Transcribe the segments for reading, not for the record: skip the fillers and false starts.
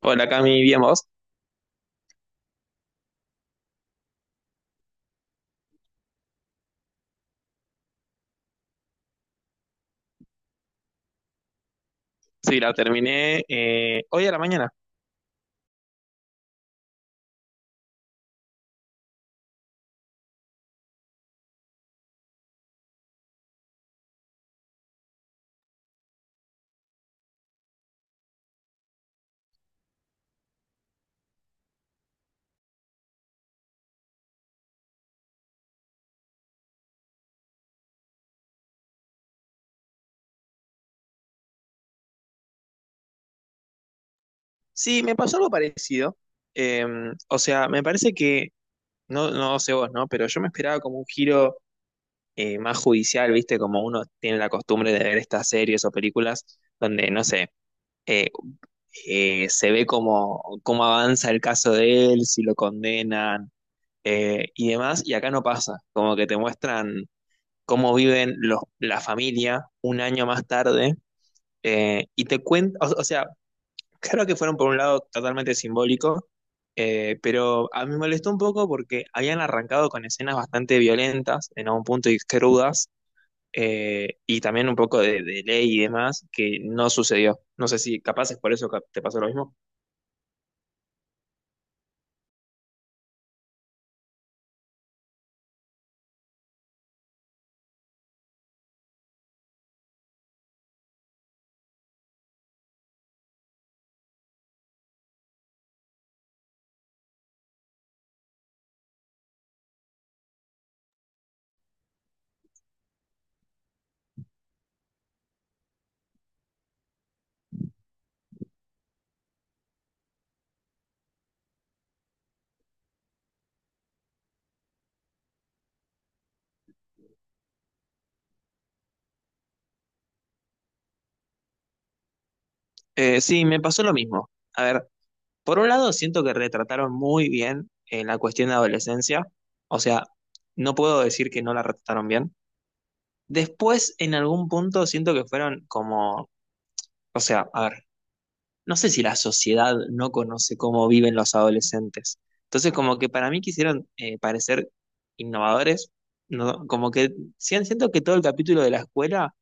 Hola Cami, bien vos. Sí, la terminé hoy a la mañana. Sí, me pasó algo parecido. Eh, o sea, me parece que, no sé vos, ¿no? Pero yo me esperaba como un giro más judicial, ¿viste? Como uno tiene la costumbre de ver estas series o películas donde, no sé, eh, se ve cómo, cómo avanza el caso de él, si lo condenan y demás. Y acá no pasa, como que te muestran cómo viven la familia un año más tarde. Y te cuento, o sea, claro que fueron por un lado totalmente simbólico, pero a mí me molestó un poco porque habían arrancado con escenas bastante violentas, en algún punto y crudas, y también un poco de ley y demás, que no sucedió. No sé si capaz es por eso que te pasó lo mismo. Sí, me pasó lo mismo. A ver, por un lado siento que retrataron muy bien la cuestión de adolescencia, o sea, no puedo decir que no la retrataron bien. Después, en algún punto, siento que fueron como... O sea, a ver, no sé si la sociedad no conoce cómo viven los adolescentes. Entonces, como que para mí quisieron parecer innovadores, no, como que sí, siento que todo el capítulo de la escuela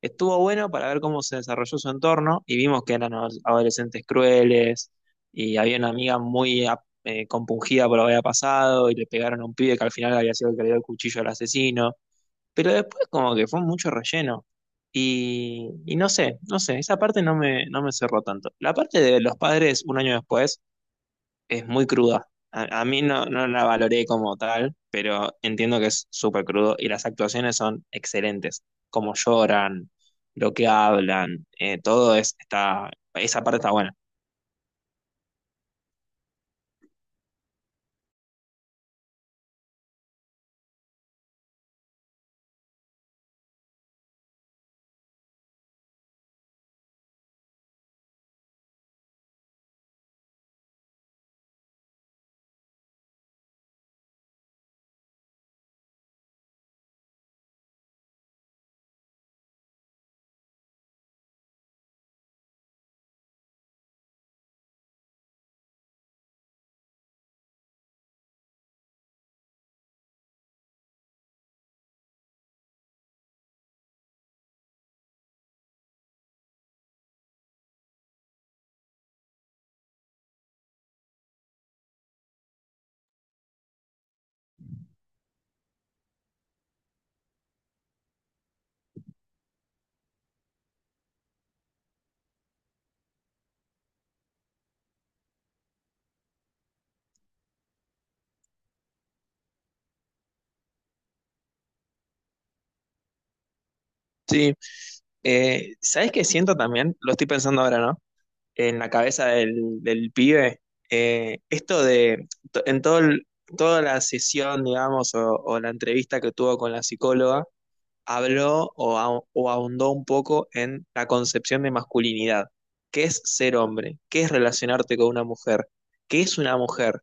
estuvo bueno para ver cómo se desarrolló su entorno y vimos que eran adolescentes crueles y había una amiga muy compungida por lo que había pasado y le pegaron a un pibe que al final había sido el que le dio el cuchillo al asesino. Pero después como que fue mucho relleno. Y no sé, no sé, esa parte no me cerró tanto. La parte de los padres un año después es muy cruda. A mí no, no la valoré como tal, pero entiendo que es súper crudo y las actuaciones son excelentes. Cómo lloran, lo que hablan, todo está, esa parte está buena. Sí, ¿sabes qué siento también? Lo estoy pensando ahora, ¿no? En la cabeza del pibe, esto de, en todo toda la sesión, digamos, o la entrevista que tuvo con la psicóloga, habló o ahondó un poco en la concepción de masculinidad. ¿Qué es ser hombre? ¿Qué es relacionarte con una mujer? ¿Qué es una mujer?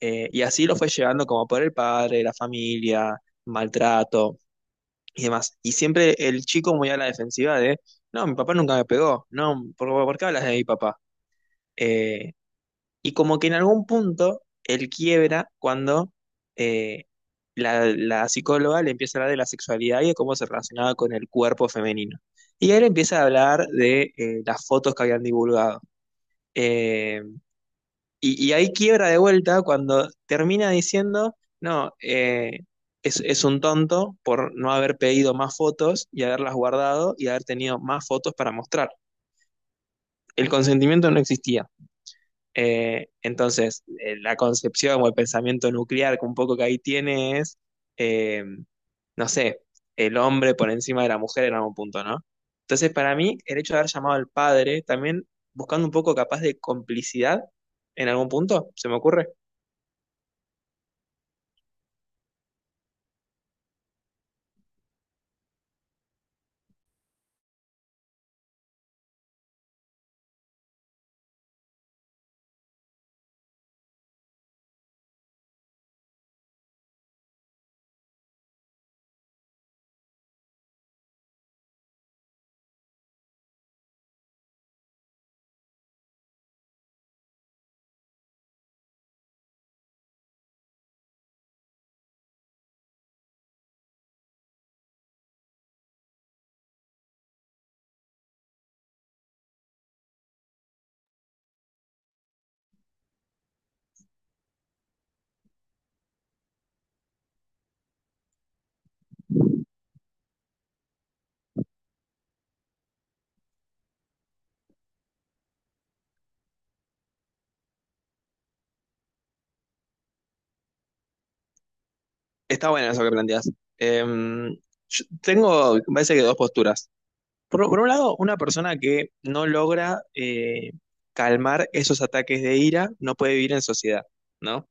Y así lo fue llevando como por el padre, la familia, maltrato y demás. Y siempre el chico muy a la defensiva de, no, mi papá nunca me pegó, no, por qué hablas de mi papá? Eh, y como que en algún punto él quiebra cuando eh, la psicóloga le empieza a hablar de la sexualidad y de cómo se relacionaba con el cuerpo femenino. Y él empieza a hablar de las fotos que habían divulgado. Eh, y ahí quiebra de vuelta cuando termina diciendo, no, es un tonto por no haber pedido más fotos y haberlas guardado y haber tenido más fotos para mostrar. El consentimiento no existía. Entonces, la concepción o el pensamiento nuclear que un poco que ahí tiene eh, no sé, el hombre por encima de la mujer en algún punto, ¿no? Entonces, para mí, el hecho de haber llamado al padre, también buscando un poco capaz de complicidad en algún punto, se me ocurre. Está bueno eso que planteas. Em, yo tengo, me parece que dos posturas. Por un lado, una persona que no logra calmar esos ataques de ira no puede vivir en sociedad, ¿no?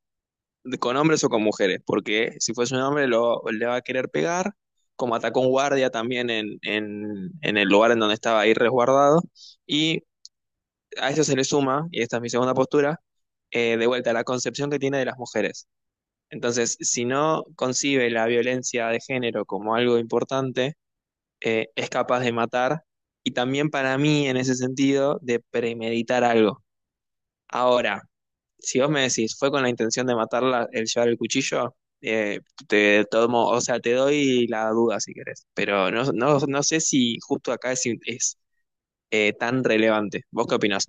Con hombres o con mujeres, porque si fuese un hombre le va a querer pegar, como atacó un guardia también en el lugar en donde estaba ahí resguardado, y a eso se le suma, y esta es mi segunda postura, de vuelta, la concepción que tiene de las mujeres. Entonces, si no concibe la violencia de género como algo importante, es capaz de matar, y también para mí, en ese sentido, de premeditar algo. Ahora, si vos me decís, fue con la intención de matarla el llevar el cuchillo, eh, te tomo, o sea, te doy la duda si querés, pero no, no, no sé si justo acá tan relevante. ¿Vos qué opinás?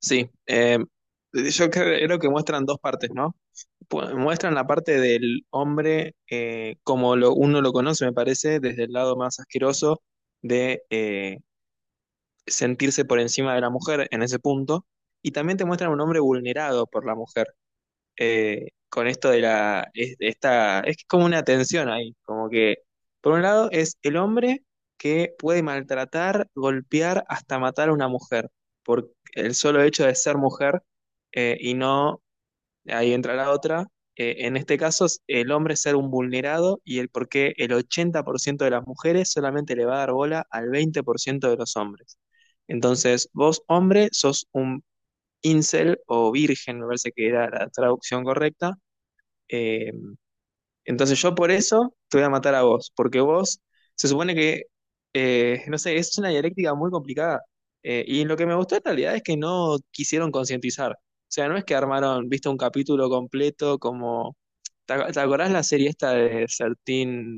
Sí, yo creo que muestran dos partes, ¿no? Muestran la parte del hombre como lo, uno lo conoce, me parece, desde el lado más asqueroso de sentirse por encima de la mujer en ese punto, y también te muestran un hombre vulnerado por la mujer con esto de la... esta, es como una tensión ahí, como que por un lado es el hombre que puede maltratar, golpear, hasta matar a una mujer, por el solo hecho de ser mujer y no, ahí entra la otra, en este caso es el hombre ser un vulnerado y el por qué el 80% de las mujeres solamente le va a dar bola al 20% de los hombres. Entonces, vos hombre sos un incel o virgen, me parece que era la traducción correcta, eh, entonces yo por eso te voy a matar a vos, porque vos se supone que, no sé, es una dialéctica muy complicada. Y lo que me gustó en realidad es que no quisieron concientizar. O sea, no es que armaron, viste, un capítulo completo como... ¿Te te acordás la serie esta de 13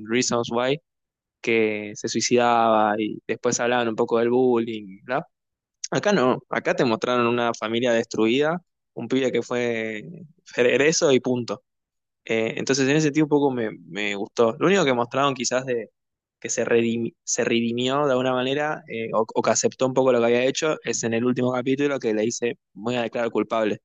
Reasons Why? Que se suicidaba y después hablaban un poco del bullying, ¿no? Acá no, acá te mostraron una familia destruida, un pibe que fue egreso y punto. Entonces, en ese sentido, un poco me gustó. Lo único que mostraron quizás de se redimió de alguna manera o que aceptó un poco lo que había hecho es en el último capítulo que le dice, voy a declarar culpable.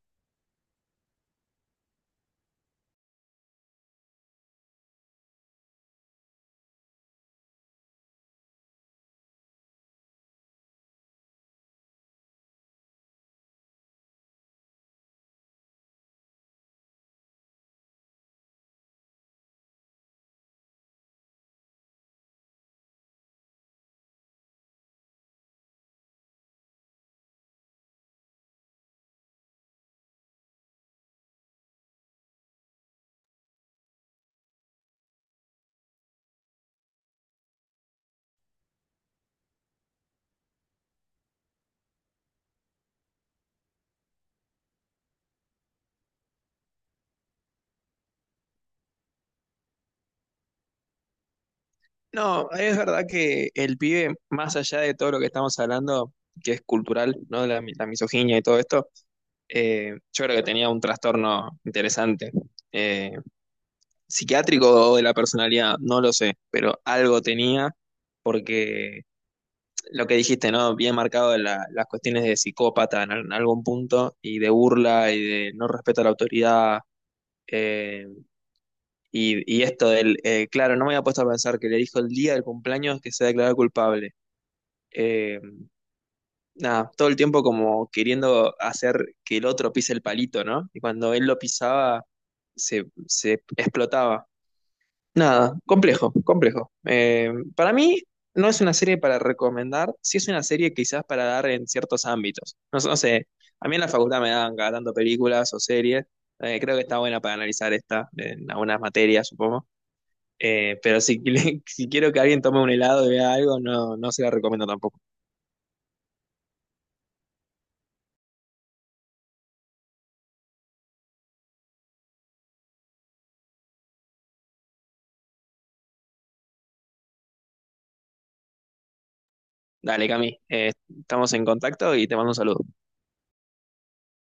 No, es verdad que el pibe, más allá de todo lo que estamos hablando, que es cultural, ¿no? La misoginia y todo esto, yo creo que tenía un trastorno interesante. eh, Psiquiátrico o de la personalidad, no lo sé, pero algo tenía porque lo que dijiste, ¿no? Bien marcado las cuestiones de psicópata en algún punto y de burla y de no respeto a la autoridad. eh, y esto claro, no me había puesto a pensar que le dijo el día del cumpleaños que se declaró culpable. Eh, Nada, todo el tiempo como queriendo hacer que el otro pise el palito, ¿no? Y cuando él lo pisaba, se explotaba. Nada, complejo, complejo. Para mí no es una serie para recomendar, sí es una serie quizás para dar en ciertos ámbitos. No, sé, no sé, a mí en la facultad me dan cada tanto películas o series, creo que está buena para analizar esta en algunas materias, supongo. Pero si, si quiero que alguien tome un helado y vea algo, no, no se la recomiendo tampoco. Dale, Cami, estamos en contacto y te mando un saludo.